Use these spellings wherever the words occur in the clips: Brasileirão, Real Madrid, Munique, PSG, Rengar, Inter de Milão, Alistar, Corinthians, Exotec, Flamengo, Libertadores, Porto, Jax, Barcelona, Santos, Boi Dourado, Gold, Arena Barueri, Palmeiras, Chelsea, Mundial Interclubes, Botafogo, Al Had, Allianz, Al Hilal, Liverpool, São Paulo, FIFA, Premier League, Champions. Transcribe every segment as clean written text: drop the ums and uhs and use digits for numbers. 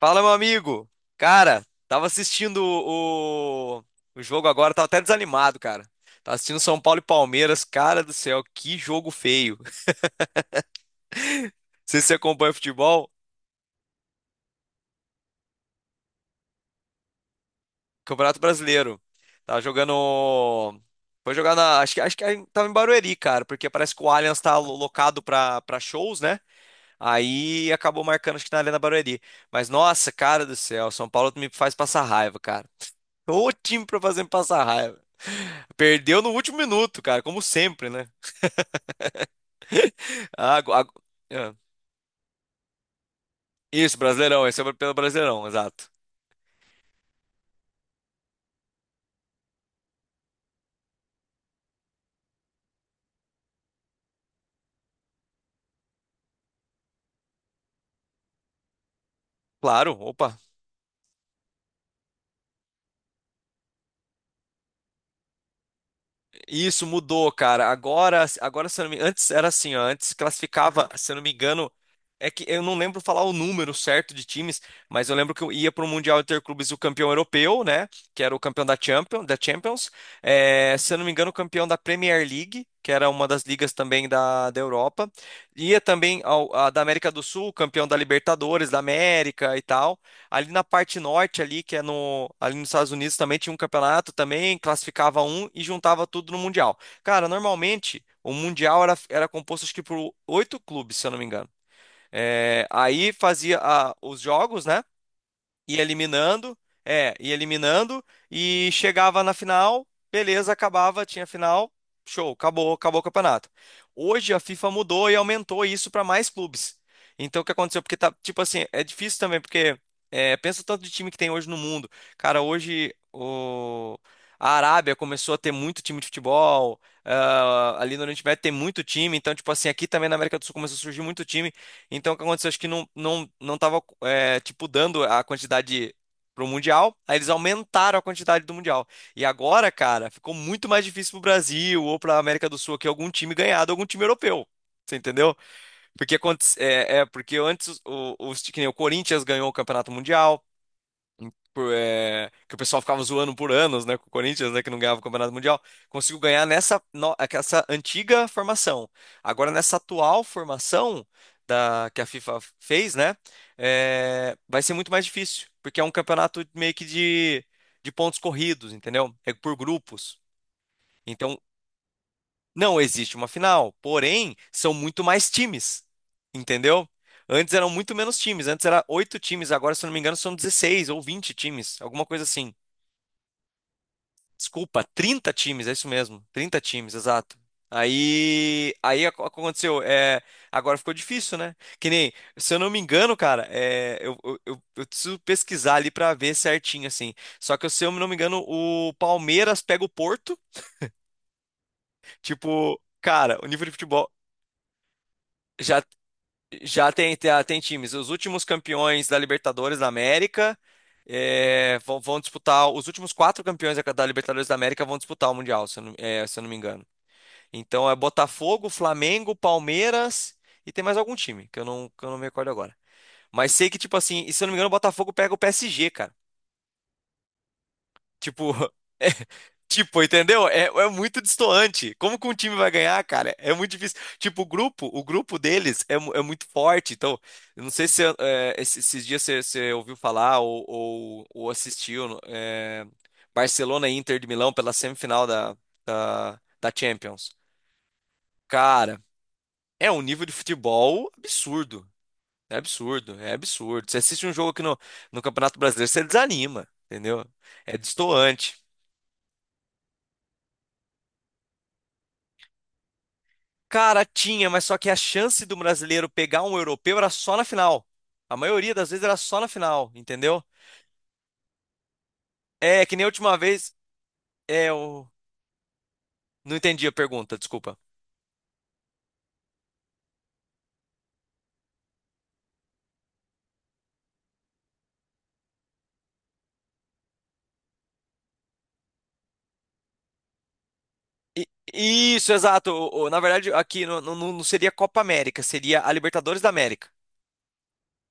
Fala, meu amigo. Cara, tava assistindo o jogo agora, tava até desanimado, cara. Tava assistindo São Paulo e Palmeiras. Cara do céu, que jogo feio. Não sei se você acompanha futebol. Campeonato Brasileiro. Tava jogando. Foi jogar na. Acho que tava em Barueri, cara, porque parece que o Allianz tá locado pra shows, né? Aí acabou marcando, acho que na Arena Barueri. Mas nossa, cara do céu, São Paulo me faz passar raiva, cara. O time pra fazer me passar raiva. Perdeu no último minuto, cara, como sempre, né? Ah, agu- agu- ah, Isso, Brasileirão, esse é pelo Brasileirão, exato. Claro, opa. Isso mudou, cara. Agora se eu não me... antes era assim, ó, antes classificava, se eu não me engano, é que eu não lembro falar o número certo de times, mas eu lembro que eu ia para o Mundial Interclubes o campeão europeu, né, que era o campeão da Champions, da Champions. É, se eu não me engano, o campeão da Premier League, que era uma das ligas também da Europa. Ia também ao, a da América do Sul, campeão da Libertadores, da América e tal. Ali na parte norte, ali, que é no, ali nos Estados Unidos, também tinha um campeonato, também classificava um e juntava tudo no Mundial. Cara, normalmente o Mundial era composto acho que por oito clubes, se eu não me engano. É, aí fazia os jogos, né? Ia eliminando, ia eliminando e chegava na final, beleza, acabava, tinha final, show, acabou, acabou o campeonato. Hoje a FIFA mudou e aumentou isso para mais clubes. Então o que aconteceu? Porque tá, tipo assim, é difícil também, porque pensa o tanto de time que tem hoje no mundo. Cara, hoje o a Arábia começou a ter muito time de futebol, ali no Oriente Médio tem muito time, então, tipo assim, aqui também na América do Sul começou a surgir muito time. Então, o que aconteceu? Acho que não tava, tipo, dando a quantidade pro Mundial. Aí eles aumentaram a quantidade do Mundial. E agora, cara, ficou muito mais difícil pro Brasil ou pra América do Sul que algum time ganhado, algum time europeu. Você entendeu? Porque, porque antes os, que nem o Corinthians ganhou o Campeonato Mundial, por, é, que o pessoal ficava zoando por anos, né, com o Corinthians, né, que não ganhava o Campeonato Mundial, conseguiu ganhar nessa no- essa antiga formação. Agora, nessa atual formação que a FIFA fez, né, vai ser muito mais difícil, porque é um campeonato meio que de pontos corridos, entendeu? É por grupos. Então, não existe uma final, porém, são muito mais times, entendeu? Antes eram muito menos times, antes era oito times, agora, se eu não me engano, são 16 ou 20 times, alguma coisa assim. Desculpa, 30 times, é isso mesmo. 30 times, exato. Aconteceu, agora ficou difícil, né? Que nem, se eu não me engano, cara, eu preciso pesquisar ali pra ver certinho, assim. Só que se eu não me engano, o Palmeiras pega o Porto, tipo, cara, o nível de futebol já, já tem, tem times. Os últimos campeões da Libertadores da América vão disputar, os últimos quatro campeões da Libertadores da América vão disputar o Mundial, se eu não, se eu não me engano. Então é Botafogo, Flamengo, Palmeiras e tem mais algum time que eu não me recordo agora. Mas sei que, tipo assim, e se eu não me engano, o Botafogo pega o PSG, cara. Tipo, é, tipo, entendeu? É muito destoante. Como que um time vai ganhar, cara? É muito difícil. Tipo, o grupo deles é é muito forte. Então, eu não sei se é, esses, esses dias você ouviu falar ou assistiu Barcelona e Inter de Milão pela semifinal da da Champions. Cara, é um nível de futebol absurdo. É absurdo, é absurdo. Você assiste um jogo aqui no Campeonato Brasileiro, você desanima, entendeu? É destoante. Cara, tinha, mas só que a chance do brasileiro pegar um europeu era só na final. A maioria das vezes era só na final, entendeu? É, que nem a última vez. Eu não entendi a pergunta, desculpa. I- Isso, exato. Na verdade, aqui não seria Copa América, seria a Libertadores da América.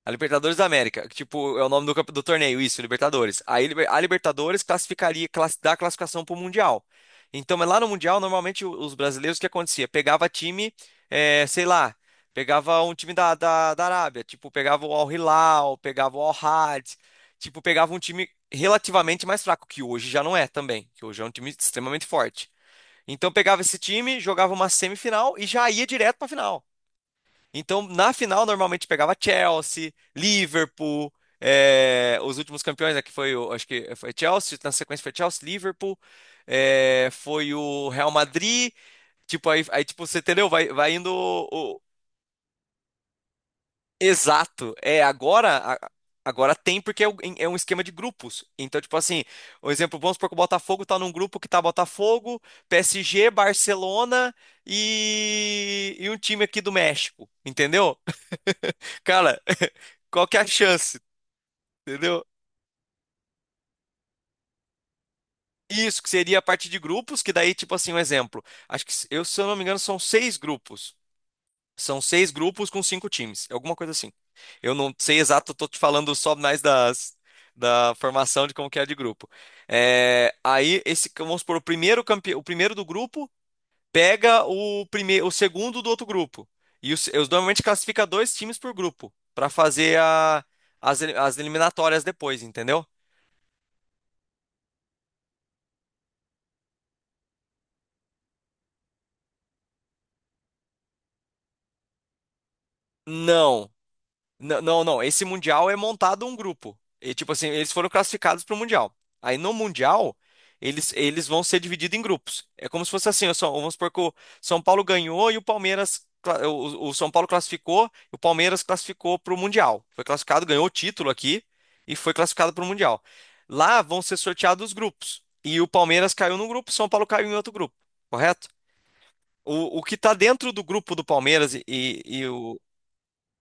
A Libertadores da América, que, tipo, é o nome do, do torneio, isso, Libertadores. A Libertadores classificaria, dá a classificação pro Mundial. Então, mas lá no Mundial, normalmente os brasileiros, o que acontecia? Pegava time, sei lá, pegava um time da Arábia, tipo, pegava o Al Hilal, pegava o Al Had, tipo, pegava um time relativamente mais fraco, que hoje já não é também, que hoje é um time extremamente forte. Então, pegava esse time, jogava uma semifinal e já ia direto pra final. Então, na final, normalmente pegava Chelsea, Liverpool, os últimos campeões aqui foi, acho que foi Chelsea, na sequência foi Chelsea, Liverpool, foi o Real Madrid, tipo, tipo, você entendeu? Vai, vai indo exato. Agora, agora tem porque é um esquema de grupos. Então, tipo assim, um exemplo, vamos supor que o Botafogo tá num grupo que tá Botafogo, PSG, Barcelona e um time aqui do México, entendeu? Cara, qual que é a chance? Entendeu? Isso, que seria a parte de grupos, que daí, tipo assim, um exemplo. Acho que, se eu não me engano, são seis grupos. São seis grupos com cinco times, alguma coisa assim. Eu não sei exato, eu tô te falando só mais da formação de como que é de grupo. Vamos supor, o primeiro do grupo pega o segundo do outro grupo. E os, eu normalmente classifica dois times por grupo, para fazer as eliminatórias depois, entendeu? Não, não. Esse Mundial é montado um grupo. E, tipo assim, eles foram classificados para o Mundial. Aí no Mundial, eles vão ser divididos em grupos. É como se fosse assim, ó, vamos supor que o São Paulo ganhou e o Palmeiras. O São Paulo classificou e o Palmeiras classificou para o Mundial. Foi classificado, ganhou o título aqui e foi classificado para o Mundial. Lá vão ser sorteados os grupos. E o Palmeiras caiu num grupo, o São Paulo caiu em outro grupo, correto? O que está dentro do grupo do Palmeiras e o,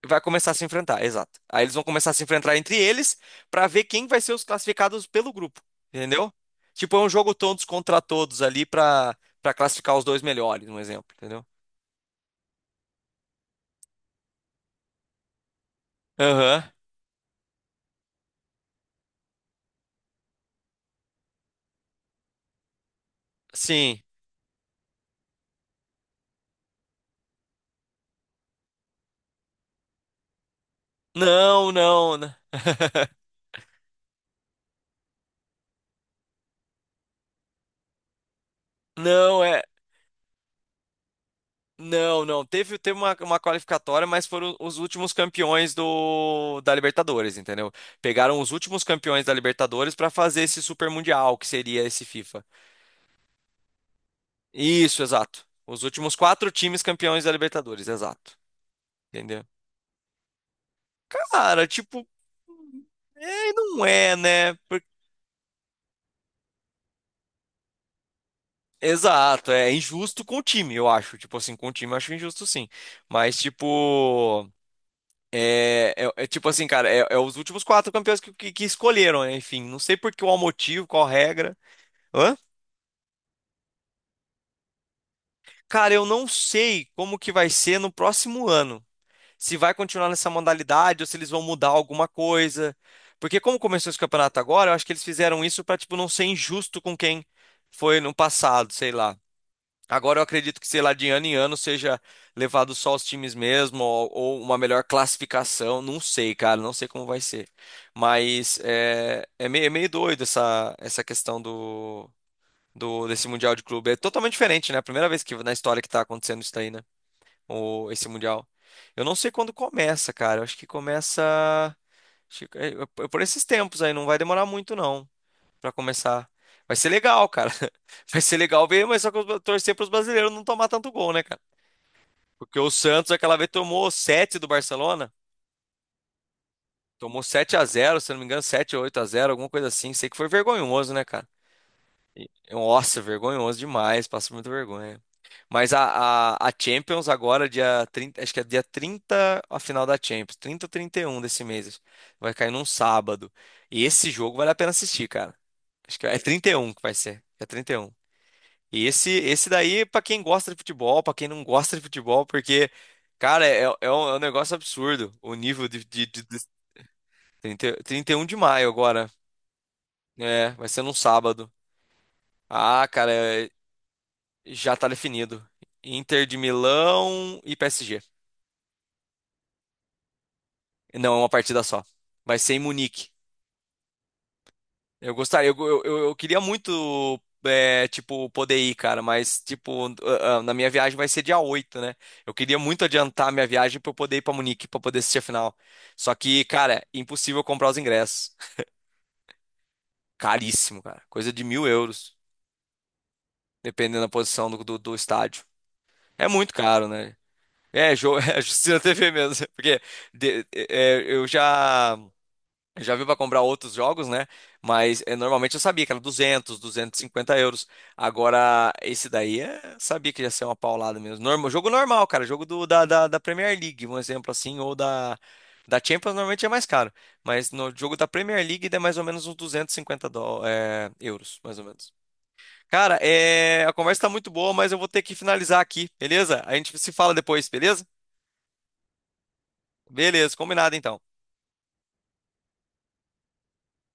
vai começar a se enfrentar, exato. Aí eles vão começar a se enfrentar entre eles pra ver quem vai ser os classificados pelo grupo, entendeu? Tipo, é um jogo todos contra todos ali pra para classificar os dois melhores, um exemplo, entendeu? Aham. Sim. Não, não, n- não é, não. Teve uma qualificatória, mas foram os últimos campeões do da Libertadores, entendeu? Pegaram os últimos campeões da Libertadores pra fazer esse Super Mundial, que seria esse FIFA. Isso, exato. Os últimos quatro times campeões da Libertadores, exato. Entendeu? Cara, tipo, não é, né? Exato, é injusto com o time, eu acho. Tipo assim, com o time eu acho injusto sim. Mas, tipo, é tipo assim, cara, é os últimos quatro campeões que escolheram, né? Enfim, não sei por qual motivo, qual regra. Hã? Cara, eu não sei como que vai ser no próximo ano. Se vai continuar nessa modalidade ou se eles vão mudar alguma coisa. Porque como começou esse campeonato agora, eu acho que eles fizeram isso para tipo não ser injusto com quem foi no passado, sei lá. Agora eu acredito que, sei lá, de ano em ano seja levado só os times mesmo ou uma melhor classificação, não sei, cara, não sei como vai ser. Mas é meio doido essa questão do desse Mundial de Clube. É totalmente diferente, né? A primeira vez que na história que tá acontecendo isso daí, né? Esse Mundial. Eu não sei quando começa, cara. Eu acho que começa. acho que- é, é por esses tempos aí, não vai demorar muito, não, pra começar. Vai ser legal, cara. Vai ser legal ver, mas só que eu torcer pros brasileiros não tomar tanto gol, né, cara? Porque o Santos aquela vez tomou 7 do Barcelona. Tomou 7 a 0, se não me engano, 7 ou 8 a 0, alguma coisa assim. Sei que foi vergonhoso, né, cara? Nossa, vergonhoso demais, passa muita vergonha. Mas a Champions agora, dia 30 acho que é dia 30 a final da Champions, 30 ou 31 desse mês. Vai cair num sábado. E esse jogo vale a pena assistir, cara. Acho que é 31 que vai ser. É 31 e esse daí, é pra quem gosta de futebol, pra quem não gosta de futebol, porque, cara, é um negócio absurdo o nível de 30 31 de maio agora. É, vai ser num sábado. Ah, cara, já tá definido. Inter de Milão e PSG. Não, é uma partida só. Vai ser em Munique. Eu gostaria, eu queria muito, tipo, poder ir, cara, mas, tipo, na minha viagem vai ser dia 8, né? Eu queria muito adiantar a minha viagem pra eu poder ir pra Munique, pra poder assistir a final. Só que, cara, impossível comprar os ingressos. Caríssimo, cara. Coisa de €1.000, dependendo da posição do estádio. É muito caro, né? É, assistindo na TV mesmo. Porque eu já. Já viu para comprar outros jogos, né? Mas normalmente eu sabia que era 200, €250. Agora, esse daí sabia que ia ser uma paulada mesmo. Normal, jogo normal, cara. Jogo do, da Premier League, um exemplo assim. Ou da Champions, normalmente é mais caro. Mas no jogo da Premier League, dá mais ou menos uns 250 euros, mais ou menos. Cara, a conversa tá muito boa, mas eu vou ter que finalizar aqui, beleza? A gente se fala depois, beleza? Beleza, combinado então.